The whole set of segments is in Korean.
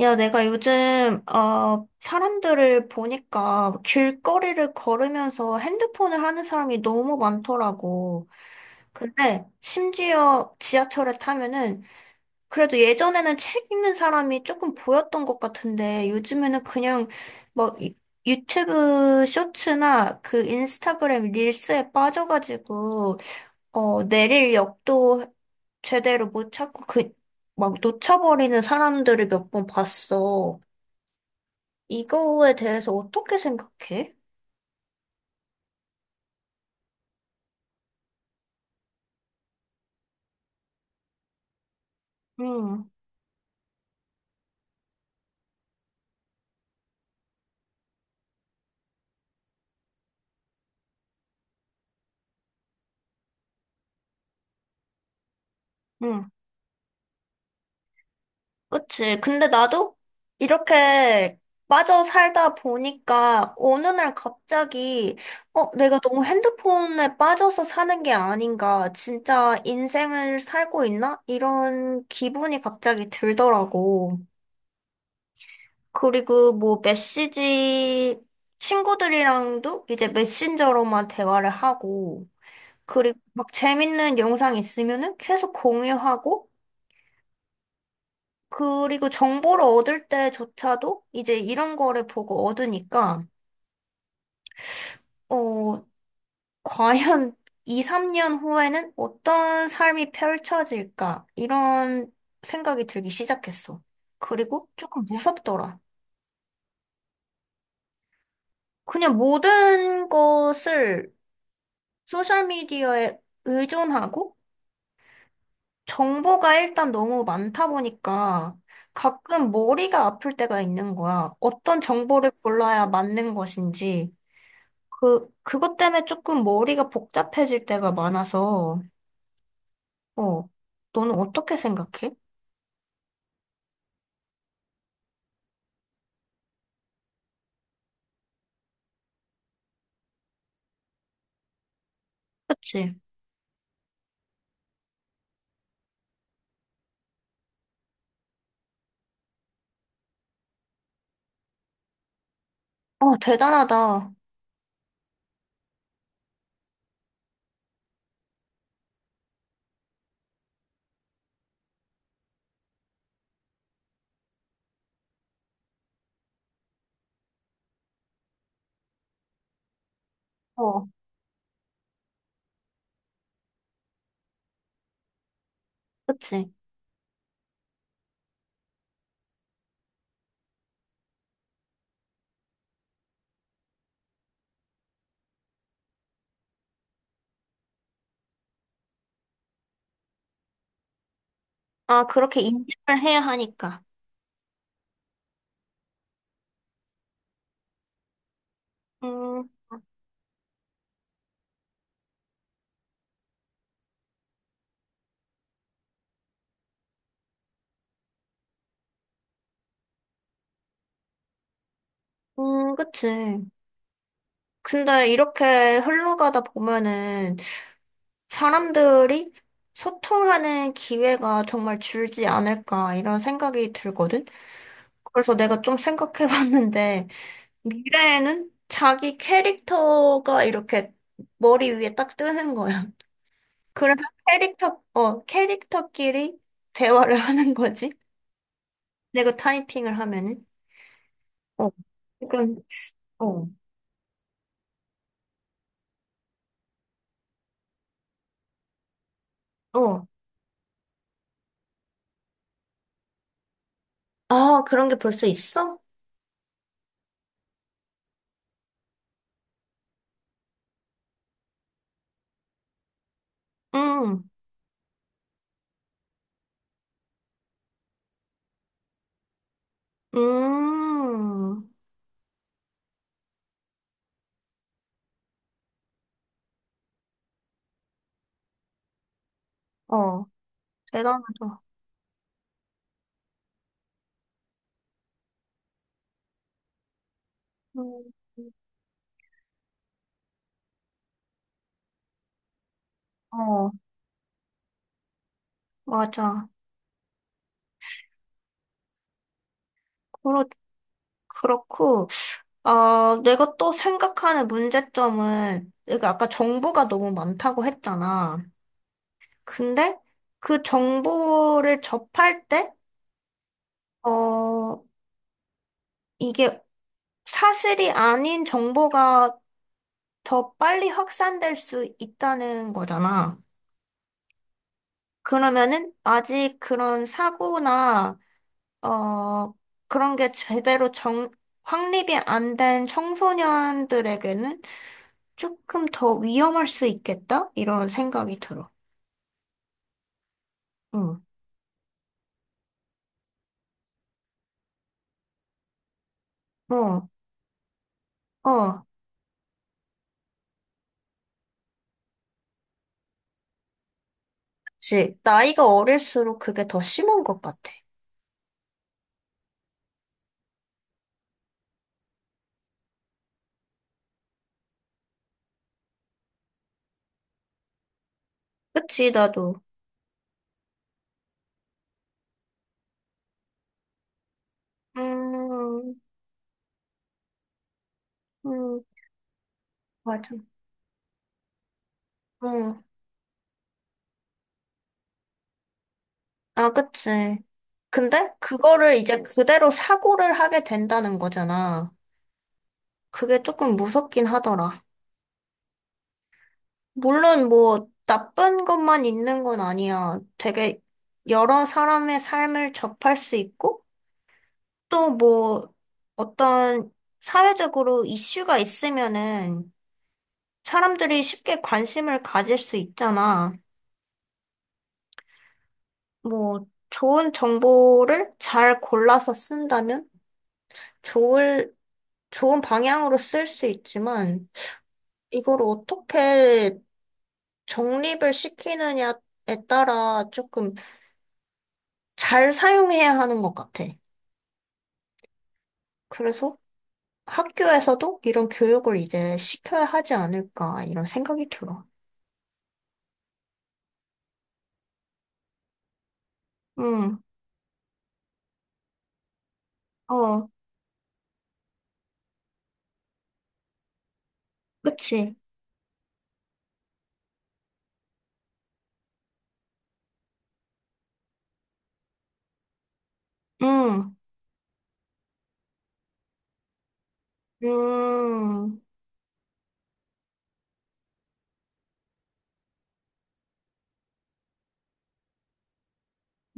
야, 내가 요즘, 사람들을 보니까 길거리를 걸으면서 핸드폰을 하는 사람이 너무 많더라고. 근데 심지어 지하철에 타면은 그래도 예전에는 책 읽는 사람이 조금 보였던 것 같은데 요즘에는 그냥 뭐 유튜브 쇼츠나 그 인스타그램 릴스에 빠져가지고 내릴 역도 제대로 못 찾고 그 막 놓쳐버리는 사람들을 몇 번 봤어. 이거에 대해서 어떻게 생각해? 응, 응, 그치. 근데 나도 이렇게 빠져 살다 보니까 어느 날 갑자기, 내가 너무 핸드폰에 빠져서 사는 게 아닌가. 진짜 인생을 살고 있나? 이런 기분이 갑자기 들더라고. 그리고 뭐 메시지, 친구들이랑도 이제 메신저로만 대화를 하고, 그리고 막 재밌는 영상 있으면은 계속 공유하고, 그리고 정보를 얻을 때조차도 이제 이런 거를 보고 얻으니까, 어, 과연 2, 3년 후에는 어떤 삶이 펼쳐질까? 이런 생각이 들기 시작했어. 그리고 조금 무섭더라. 그냥 모든 것을 소셜미디어에 의존하고 정보가 일단 너무 많다 보니까 가끔 머리가 아플 때가 있는 거야. 어떤 정보를 골라야 맞는 것인지. 그것 때문에 조금 머리가 복잡해질 때가 많아서, 어, 너는 어떻게 생각해? 그치? 어, 대단하다. 어, 그치? 아, 그렇게 인식을 해야 하니까. 음, 그치. 근데 이렇게 흘러가다 보면은 사람들이 소통하는 기회가 정말 줄지 않을까 이런 생각이 들거든? 그래서 내가 좀 생각해 봤는데, 미래에는 자기 캐릭터가 이렇게 머리 위에 딱 뜨는 거야. 그래서 캐릭터, 어, 캐릭터끼리 대화를 하는 거지. 내가 타이핑을 하면은. 어, 그러니까, 어, 어. 아, 그런 게 벌써 있어? 음, 음, 어, 대단하다. 음, 어, 맞아. 그렇, 그렇고, 아, 내가 또 생각하는 문제점은, 내가 아까 정보가 너무 많다고 했잖아. 근데 그 정보를 접할 때, 어, 이게 사실이 아닌 정보가 더 빨리 확산될 수 있다는 거잖아. 그러면은 아직 그런 사고나, 어, 그런 게 제대로 확립이 안 된 청소년들에게는 조금 더 위험할 수 있겠다? 이런 생각이 들어. 응. 어, 어, 그치. 나이가 어릴수록 그게 더 심한 것 같아. 그치, 나도. 음, 음, 맞아. 응, 아, 그치. 근데 그거를 이제 그대로 사고를 하게 된다는 거잖아. 그게 조금 무섭긴 하더라. 물론 뭐 나쁜 것만 있는 건 아니야. 되게 여러 사람의 삶을 접할 수 있고 또 뭐 어떤 사회적으로 이슈가 있으면은 사람들이 쉽게 관심을 가질 수 있잖아. 뭐 좋은 정보를 잘 골라서 쓴다면? 좋을, 좋은 방향으로 쓸 수 있지만, 이걸 어떻게 정립을 시키느냐에 따라 조금 잘 사용해야 하는 것 같아. 그래서 학교에서도 이런 교육을 이제 시켜야 하지 않을까, 이런 생각이 들어. 응. 어, 그치. 응. 음,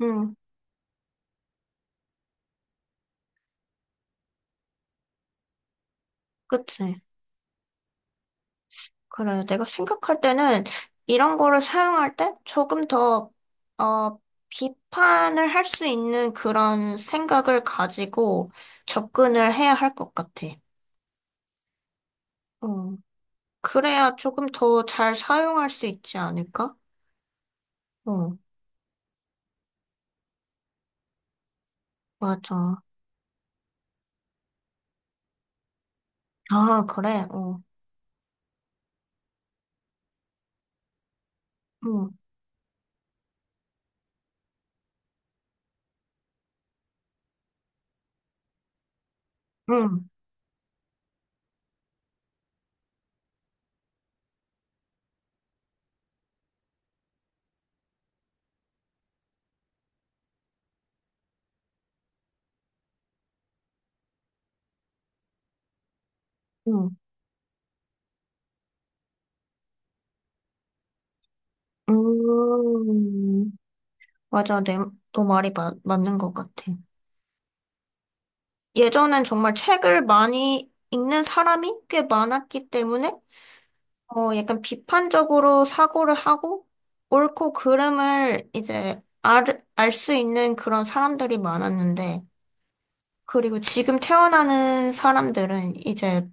응. 그치. 그래, 내가 생각할 때는 이런 거를 사용할 때 조금 더, 어, 비판을 할 수 있는 그런 생각을 가지고 접근을 해야 할 것 같아. 어, 그래야 조금 더 잘 사용할 수 있지 않을까? 어, 맞아. 아, 그래, 어. 응, 응, 응. 음, 맞아. 너 말이 맞는 것 같아. 예전엔 정말 책을 많이 읽는 사람이 꽤 많았기 때문에 어, 약간 비판적으로 사고를 하고, 옳고 그름을 이제 알 수 있는 그런 사람들이 많았는데, 그리고 지금 태어나는 사람들은 이제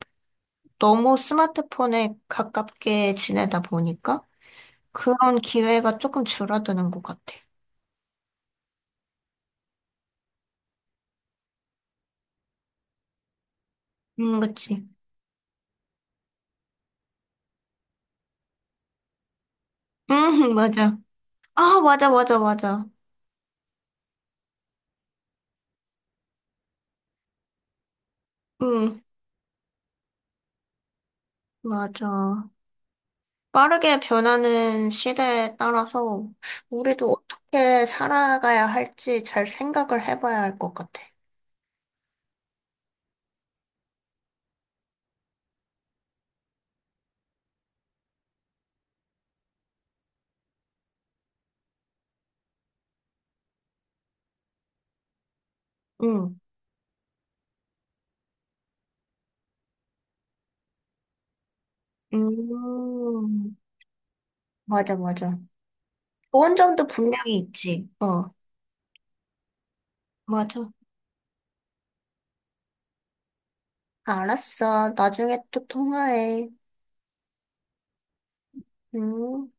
너무 스마트폰에 가깝게 지내다 보니까 그런 기회가 조금 줄어드는 것 같아. 그치. 맞아. 아, 맞아, 맞아, 맞아. 음, 맞아. 빠르게 변하는 시대에 따라서 우리도 어떻게 살아가야 할지 잘 생각을 해봐야 할 것 같아. 응. 음, 맞아, 맞아. 좋은 점도 분명히 있지. 어, 맞아. 알았어. 나중에 또 통화해. 응.